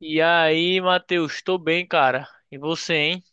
E aí, Matheus, tô bem, cara. E você, hein?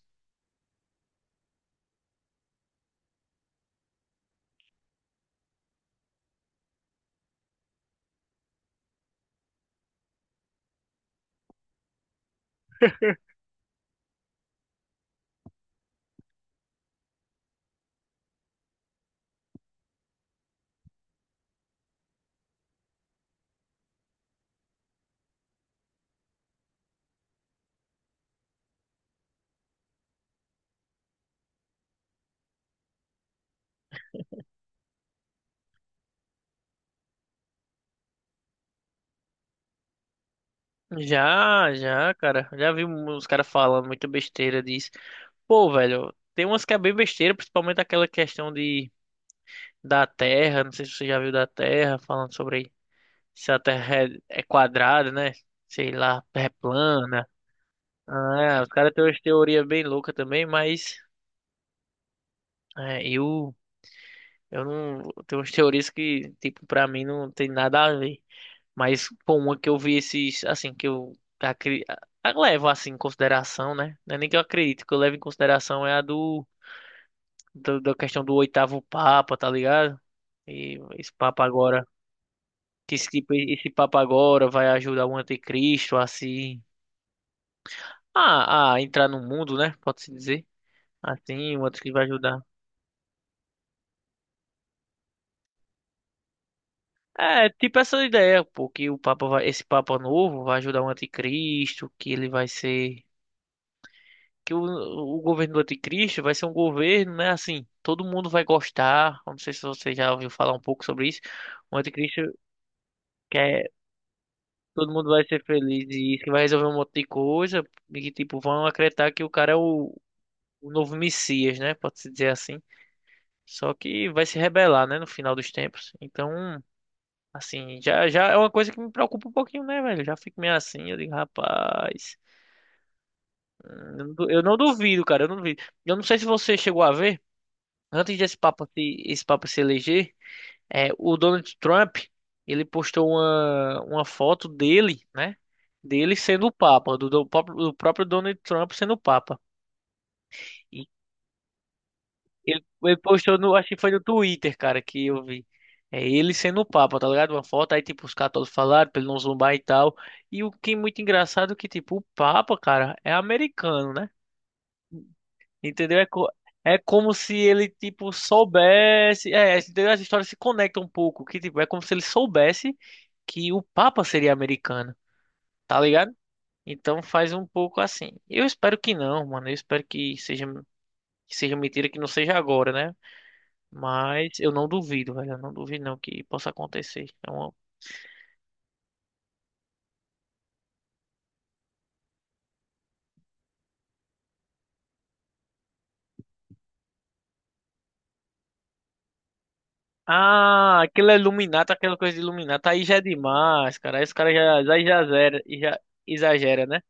Já, já, cara. Já vi uns caras falando muita besteira disso. Pô, velho, tem umas que é bem besteira, principalmente aquela questão de da Terra. Não sei se você já viu da Terra, falando sobre se a Terra é quadrada, né? Sei lá, é plana. Ah, é, os caras têm umas teorias bem loucas também, mas é, eu, eu não. Tem umas teorias que, tipo, pra mim não tem nada a ver. Mas, pô, uma que eu vi esses, assim, que eu acri... levo, assim, em consideração, né? Não é nem que eu acredito, que eu levo em consideração é a da questão do oitavo Papa, tá ligado? E esse Papa agora vai ajudar o anticristo a se, a entrar no mundo, né? Pode-se dizer. Assim, o anticristo vai ajudar. É, tipo essa ideia, pô, que o Papa vai, esse Papa novo vai ajudar o anticristo, que ele vai ser que o governo do anticristo vai ser um governo, né? Assim, todo mundo vai gostar. Eu não sei se você já ouviu falar um pouco sobre isso. O anticristo quer, todo mundo vai ser feliz e isso que vai resolver um monte de coisa e que tipo vão acreditar que o cara é o novo Messias, né? Pode-se dizer assim. Só que vai se rebelar, né? No final dos tempos. Então, assim, já já é uma coisa que me preocupa um pouquinho, né, velho? Já fico meio assim, eu digo, rapaz, eu não duvido, cara, eu não duvido. Eu não sei se você chegou a ver. Antes desse papo se eleger, O Donald Trump, ele postou uma foto dele, né? Dele sendo o Papa, do próprio Donald Trump sendo o Papa. E ele postou no, acho que foi no Twitter, cara, que eu vi. É ele sendo o Papa, tá ligado? Uma foto, aí tipo, os católicos falaram pra ele não zumbar e tal. E o que é muito engraçado é que, tipo, o Papa, cara, é americano, né? Entendeu? É como se ele, tipo, soubesse. É, entendeu? As histórias se conectam um pouco. Que, tipo, é como se ele soubesse que o Papa seria americano, tá ligado? Então faz um pouco assim. Eu espero que não, mano. Eu espero que seja, mentira, que não seja agora, né? Mas eu não duvido, velho. Eu não duvido, não, que possa acontecer. Ah, aquilo é Illuminati, aquela coisa de Illuminati. Aí já é demais, cara. Aí os caras já, aí já já exagera, né?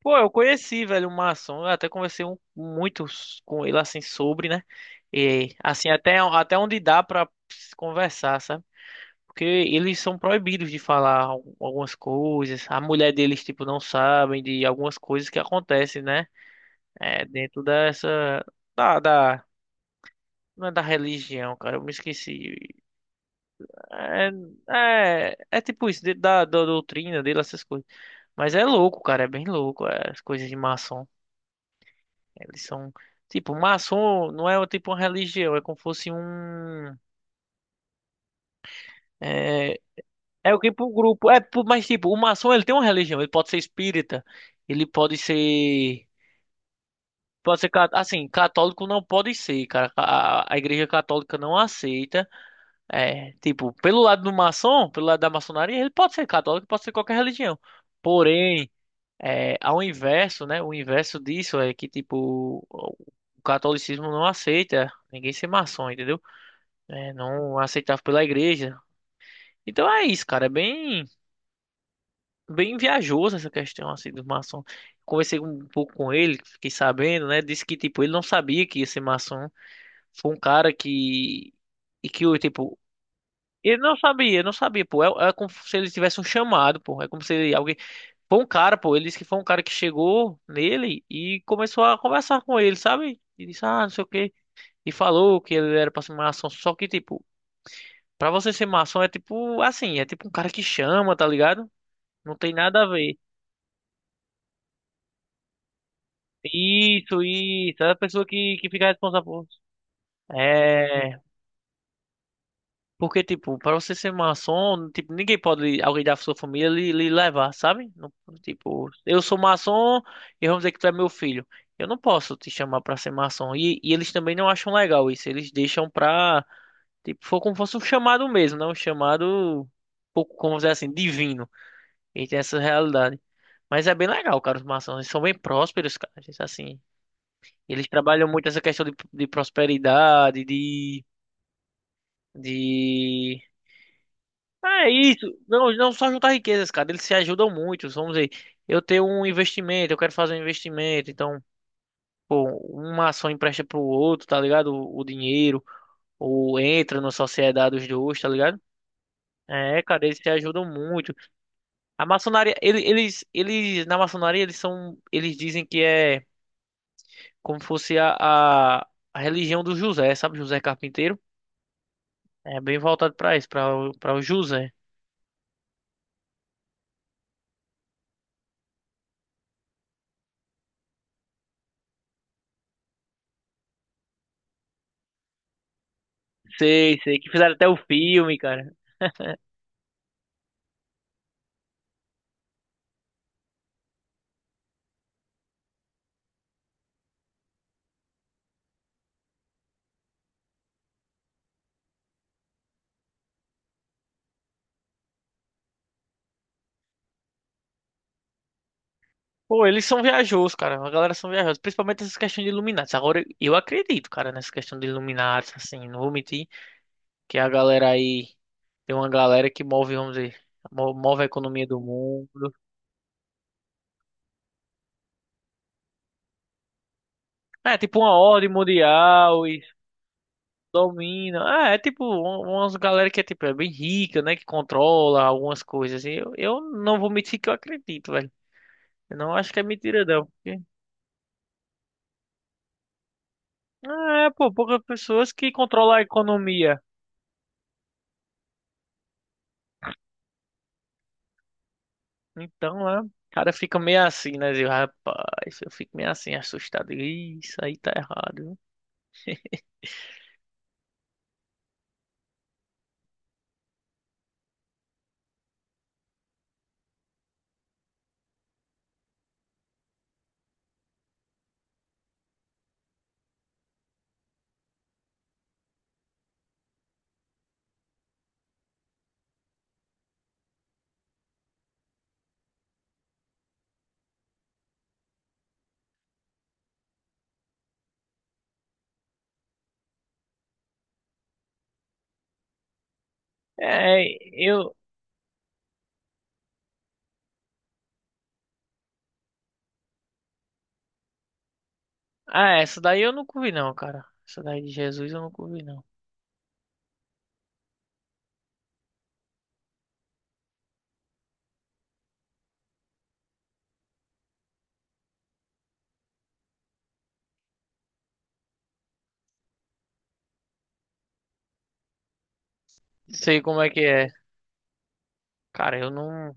Pô, eu conheci, velho, o Maçom. Eu até conversei com ele, assim, sobre, né? E, assim, até onde dá pra se conversar, sabe? Porque eles são proibidos de falar algumas coisas. A mulher deles, tipo, não sabem de algumas coisas que acontecem, né? É, dentro dessa... Da, da, não é da religião, cara. Eu me esqueci. É, é, tipo isso, dentro da doutrina dele, essas coisas. Mas é louco, cara. É bem louco, as coisas de maçom. Eles são. Tipo, maçom não é tipo uma religião, é como se fosse um. É, é, o tipo pro grupo. Mas tipo, o maçom ele tem uma religião, ele pode ser espírita, ele pode ser. Pode ser, assim, católico não pode ser, cara. A igreja católica não aceita. É, tipo, pelo lado do maçom, pelo lado da maçonaria, ele pode ser católico, pode ser qualquer religião. Porém, ao inverso, né? O inverso disso é que, tipo, o catolicismo não aceita ninguém ser maçom, entendeu? Né, não aceitava pela igreja. Então é isso, cara, é bem, bem viajoso essa questão assim dos maçons. Conversei um pouco com ele, fiquei sabendo, né? Disse que tipo ele não sabia que ia ser maçom. Foi um cara que e que o tipo ele não sabia, não sabia, pô. É, é como se ele tivesse um chamado, pô. É como se alguém foi um cara, pô. Ele disse que foi um cara que chegou nele e começou a conversar com ele, sabe? E disse não sei o quê. E falou que ele era pra ser maçom, só que tipo pra você ser maçom é tipo assim, é tipo um cara que chama, tá ligado? Não tem nada a ver. Isso, isso. É a pessoa que fica responsável por isso. É. Porque, tipo, pra você ser maçom, tipo, ninguém pode, alguém da sua família, lhe levar, sabe? Tipo, eu sou maçom e vamos dizer que tu é meu filho. Eu não posso te chamar pra ser maçom. E eles também não acham legal isso. Eles deixam pra. Tipo, for como se fosse um chamado mesmo, né? Um chamado, um pouco, como dizer assim, divino. E tem essa realidade. Mas é bem legal, cara, os maçons. Eles são bem prósperos, cara. Eles trabalham muito essa questão de prosperidadede... Ah, é isso. Não, não só juntar riquezas, cara. Eles se ajudam muito. Vamos dizer, eu tenho um investimento, eu quero fazer um investimento. Então, pô, uma ação empresta pro outro, tá ligado? O dinheiro. Ou entra na sociedade os dois, tá ligado? É, cara, eles se ajudam muito. A maçonaria, ele- eles, na maçonaria, eles são, eles dizem que é como fosse a religião do José, sabe? José Carpinteiro. É bem voltado pra isso, pra o José. Sei, sei, que fizeram até o filme, cara. Pô, eles são viajosos, cara. A galera são viajosos, principalmente essas questões de Illuminati. Agora, eu acredito, cara, nessa questão de Illuminati, assim, não vou mentir, que a galera aí tem uma galera que move, vamos dizer, move a economia do mundo. É, tipo uma ordem mundial. Domina. Ah, é tipo umas galera que é tipo é bem rica, né? Que controla algumas coisas assim. Eu não vou mentir que eu acredito, velho. Eu não acho que é mentira, não. Porque... Ah, é, pô, poucas pessoas que controlam a economia. Então, o cara fica meio assim, né? Zil? Rapaz, eu fico meio assim, assustado. Ih, isso aí tá errado, viu? É, eu. Ah, essa daí eu nunca vi, não, cara. Essa daí de Jesus eu nunca vi, não. Sei como é que é. Cara, eu não.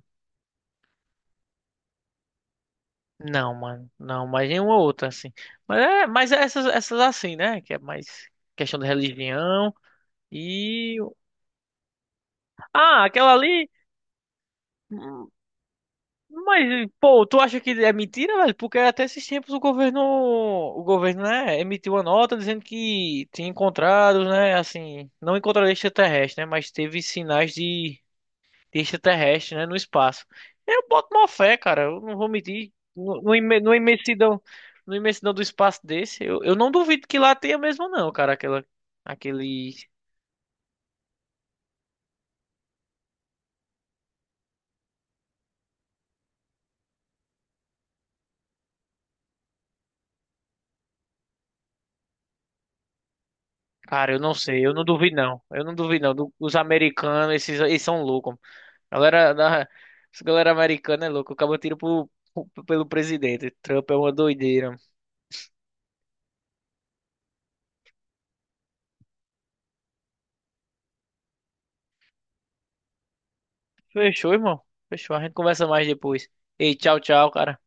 Não, mano. Não, mas nenhuma outra, assim. Mas é essas assim, né? Que é mais questão da religião e... Ah, aquela ali... hum, mas, pô, tu acha que é mentira, velho? Porque é até esses tempos o governo... O governo, né? Emitiu uma nota dizendo que tinha encontrado, né? Assim, não encontraram extraterrestre, né? Mas teve sinais de extraterrestre, né? No espaço. Eu boto uma fé, cara. Eu não vou medir. Numa imensidão do espaço desse, eu não duvido que lá tenha mesmo, não, cara. Aquela, aquele. Cara, eu não sei. Eu não duvido, não. Eu não duvido, não. Os americanos, esses, eles são loucos. Galera, da, Essa galera americana é louca. Acaba tiro pelo presidente. Trump é uma doideira. Fechou, irmão. Fechou. A gente conversa mais depois. Ei, tchau, tchau, cara.